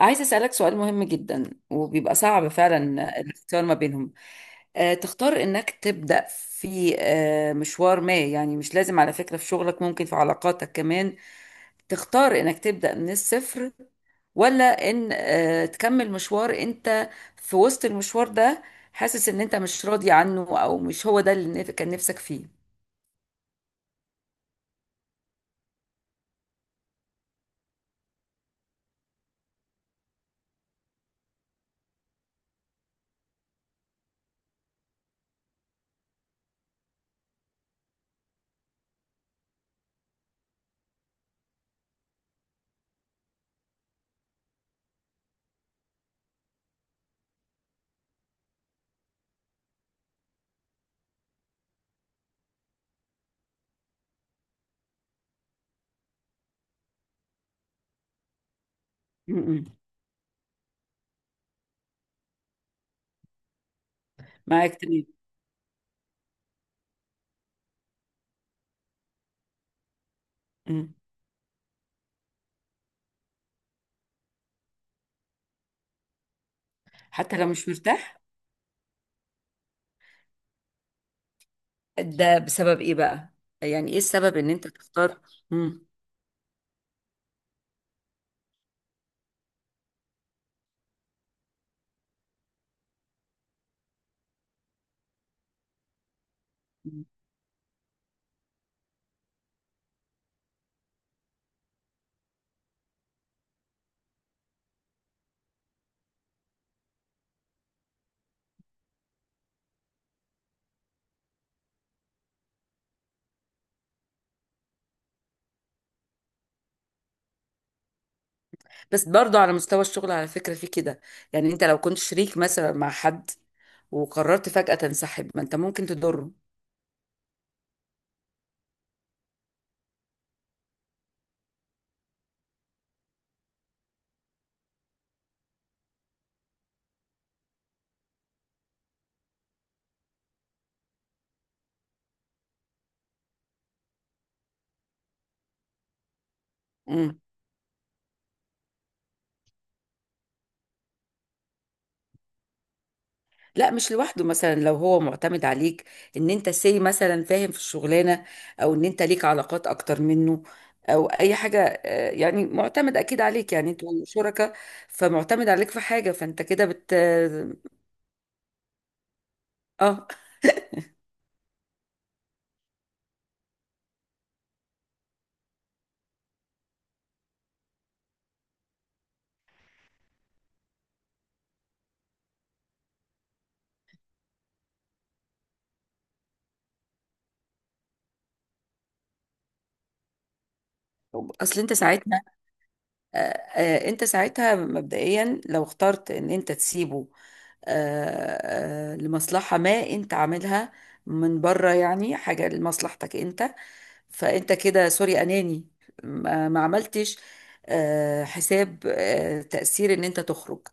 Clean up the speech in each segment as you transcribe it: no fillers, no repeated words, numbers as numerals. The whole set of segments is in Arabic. عايزة أسألك سؤال مهم جدا، وبيبقى صعب فعلا الاختيار ما بينهم. تختار إنك تبدأ في مشوار، ما يعني مش لازم على فكرة، في شغلك ممكن في علاقاتك كمان. تختار إنك تبدأ من الصفر، ولا إن تكمل مشوار أنت في وسط المشوار ده، حاسس إن أنت مش راضي عنه، أو مش هو ده اللي كان نفسك فيه. م. معاك تمام. م. حتى لو مش مرتاح. ده بسبب ايه بقى؟ يعني ايه السبب ان انت تختار؟ مم. مم. بس برضو على مستوى الشغل على فكرة في كده، يعني انت لو كنت شريك مثلا مع حد وقررت فجأة تنسحب، ما انت ممكن تضره. مم. لا، مش لوحده، مثلا لو هو معتمد عليك، ان انت سي مثلا فاهم في الشغلانة، او ان انت ليك علاقات اكتر منه، او اي حاجة، يعني معتمد اكيد عليك، يعني انتوا شركاء، فمعتمد عليك في حاجة، فانت كده بت. اه. اصل انت ساعتها آه، انت ساعتها مبدئيا، لو اخترت ان انت تسيبه، لمصلحة ما انت عاملها من بره، يعني حاجة لمصلحتك انت، فانت كده سوري اناني. ما عملتش حساب تأثير ان انت تخرج،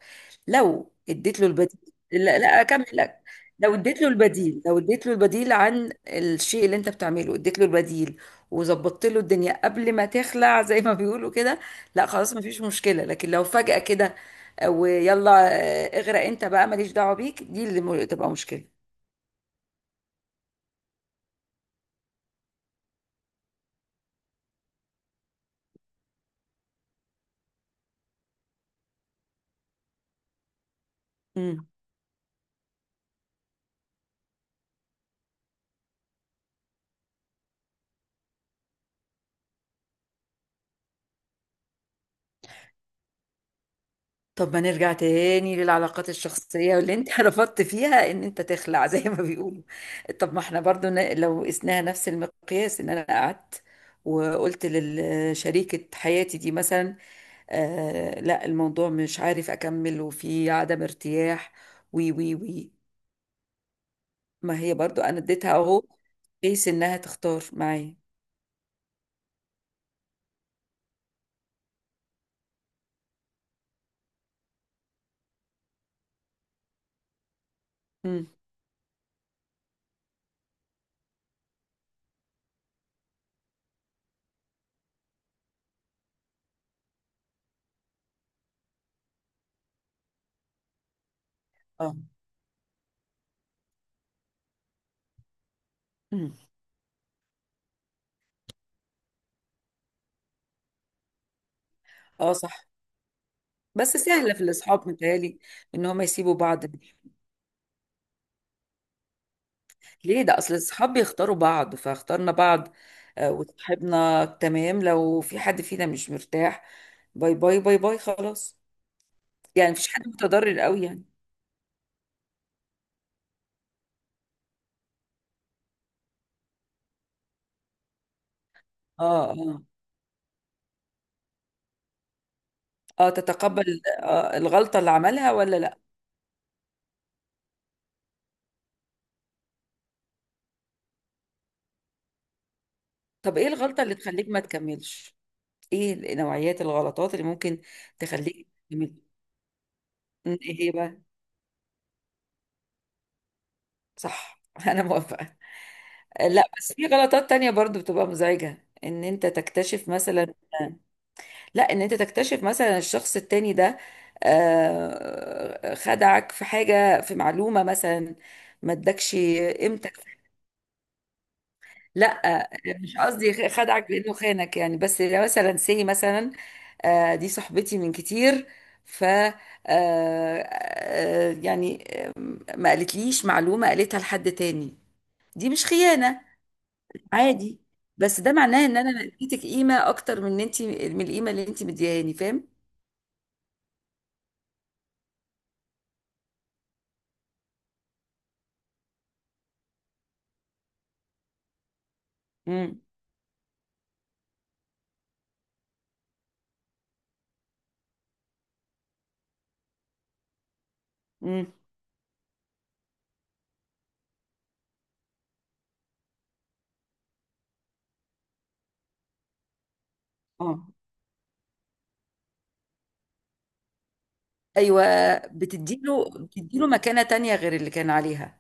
لو اديت له البديل. لا، لا اكمل لك. لو اديت له البديل عن الشيء اللي انت بتعمله، اديت له البديل، وظبطت له الدنيا قبل ما تخلع زي ما بيقولوا كده. لا، خلاص مفيش مشكلة، لكن لو فجأة كده، ويلا اغرق انت بقى ماليش دعوة بيك، دي اللي تبقى مشكلة. مم. طب ما نرجع تاني للعلاقات الشخصية، واللي انت رفضت فيها ان انت تخلع زي ما بيقولوا. طب ما احنا برضو لو قسناها نفس المقياس، ان انا قعدت وقلت لشريكة حياتي دي مثلا، لا، الموضوع مش عارف اكمل، وفي عدم ارتياح، وي وي وي، ما هي برضو انا اديتها اهو، بحيث انها تختار معايا. امم. اه. امم. اه، صح. بس سهلة في الاصحاب متهيألي، ان هم يسيبوا بعض. ليه؟ ده اصل الصحاب بيختاروا بعض، فاخترنا بعض. وصاحبنا تمام، لو في حد فينا مش مرتاح، باي باي باي باي، خلاص. يعني مفيش حد متضرر قوي، يعني. اه، اه. اه، تتقبل الغلطة اللي عملها، ولا لا؟ طب ايه الغلطة اللي تخليك ما تكملش؟ ايه نوعيات الغلطات اللي ممكن تخليك تكمل؟ ايه هي بقى؟ صح، انا موافقة. لا، بس في غلطات تانية برضو بتبقى مزعجة، ان انت تكتشف مثلا، لا، ان انت تكتشف مثلا الشخص التاني ده خدعك في حاجة، في معلومة مثلا، ما ادكش قيمتك. لا، مش قصدي خدعك بانه خانك، يعني، بس لو مثلا سي مثلا دي صاحبتي من كتير، ف آه، آه، يعني ما قالتليش معلومة، قالتها لحد تاني. دي مش خيانة عادي، بس ده معناه ان انا اديتك قيمة اكتر من انت، من القيمة اللي انت مديهاني، فاهم؟ مم. مم. اه. ايوه. بتديله مكانة تانية غير اللي كان عليها،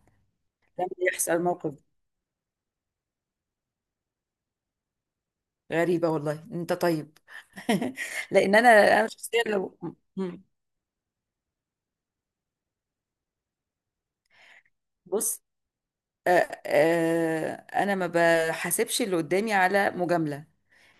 لما يحصل موقف. غريبة والله، انت طيب. لان انا شخصيا لو، بص، انا ما بحاسبش اللي قدامي على مجامله،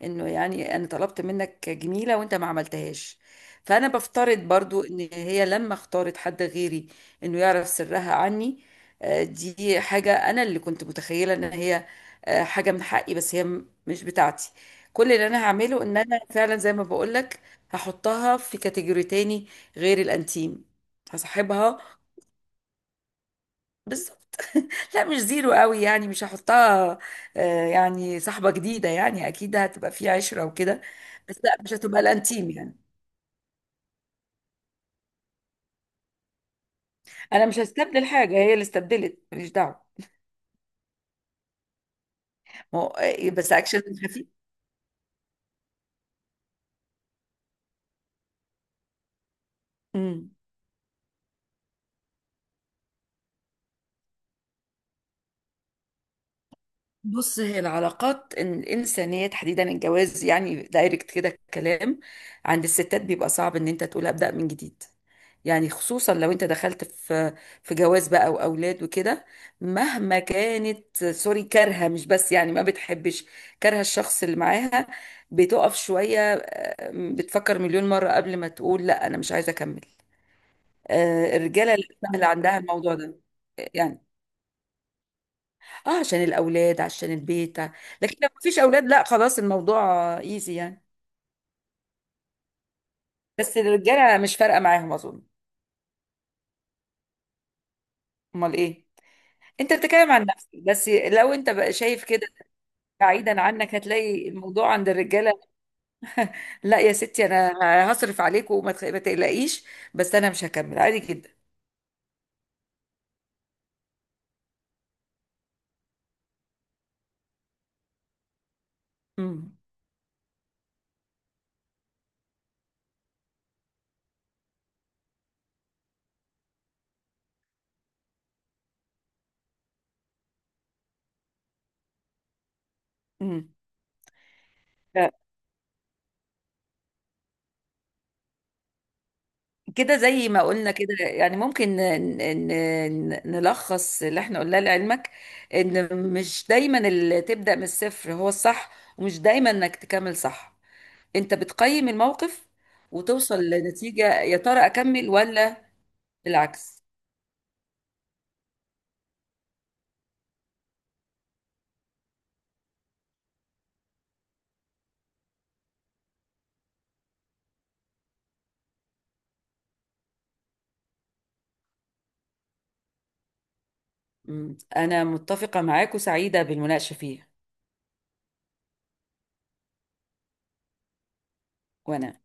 انه يعني انا طلبت منك جميله وانت ما عملتهاش، فانا بفترض برضو ان هي لما اختارت حد غيري، انه يعرف سرها عني. دي حاجه انا اللي كنت متخيله ان هي حاجه من حقي، بس هي مش بتاعتي. كل اللي انا هعمله ان انا فعلا زي ما بقولك، هحطها في كاتيجوري تاني غير الانتيم، هصاحبها. لا، مش زيرو قوي يعني، مش هحطها يعني صاحبة جديدة، يعني اكيد هتبقى في عشرة وكده. بس لا، مش هتبقى الانتيم يعني. انا مش هستبدل حاجة، هي اللي استبدلت، ماليش دعوة. ما بس اكشن خفيف. امم. بص، هي العلاقات الإنسانية، تحديدا الجواز، يعني دايركت كده الكلام، عند الستات بيبقى صعب إن أنت تقول أبدأ من جديد. يعني خصوصا لو أنت دخلت في جواز بقى وأولاد وكده، مهما كانت، سوري، كارهة، مش بس يعني ما بتحبش، كارهة الشخص اللي معاها، بتقف شوية، بتفكر مليون مرة قبل ما تقول لا، أنا مش عايزة أكمل. الرجالة لا، سهل عندها الموضوع ده. يعني. اه، عشان الاولاد، عشان البيت لكن لو مفيش اولاد، لا خلاص، الموضوع ايزي يعني. بس الرجاله مش فارقه معاهم اظن. امال ايه؟ انت بتتكلم عن نفسك، بس لو انت بقى شايف كده، بعيدا عنك، هتلاقي الموضوع عند الرجاله. لا يا ستي، انا هصرف عليك وما تخ- ما تقلقيش. بس انا مش هكمل عادي جدا. امم. امم. كده زي ما قلنا كده، يعني ممكن نلخص اللي احنا قلناه لعلمك، ان مش دايما اللي تبدأ من الصفر هو الصح، ومش دايما انك تكمل صح، انت بتقيم الموقف وتوصل لنتيجة، يا ترى اكمل ولا بالعكس؟ انا متفقة معاك وسعيدة بالمناقشة فيه. وانا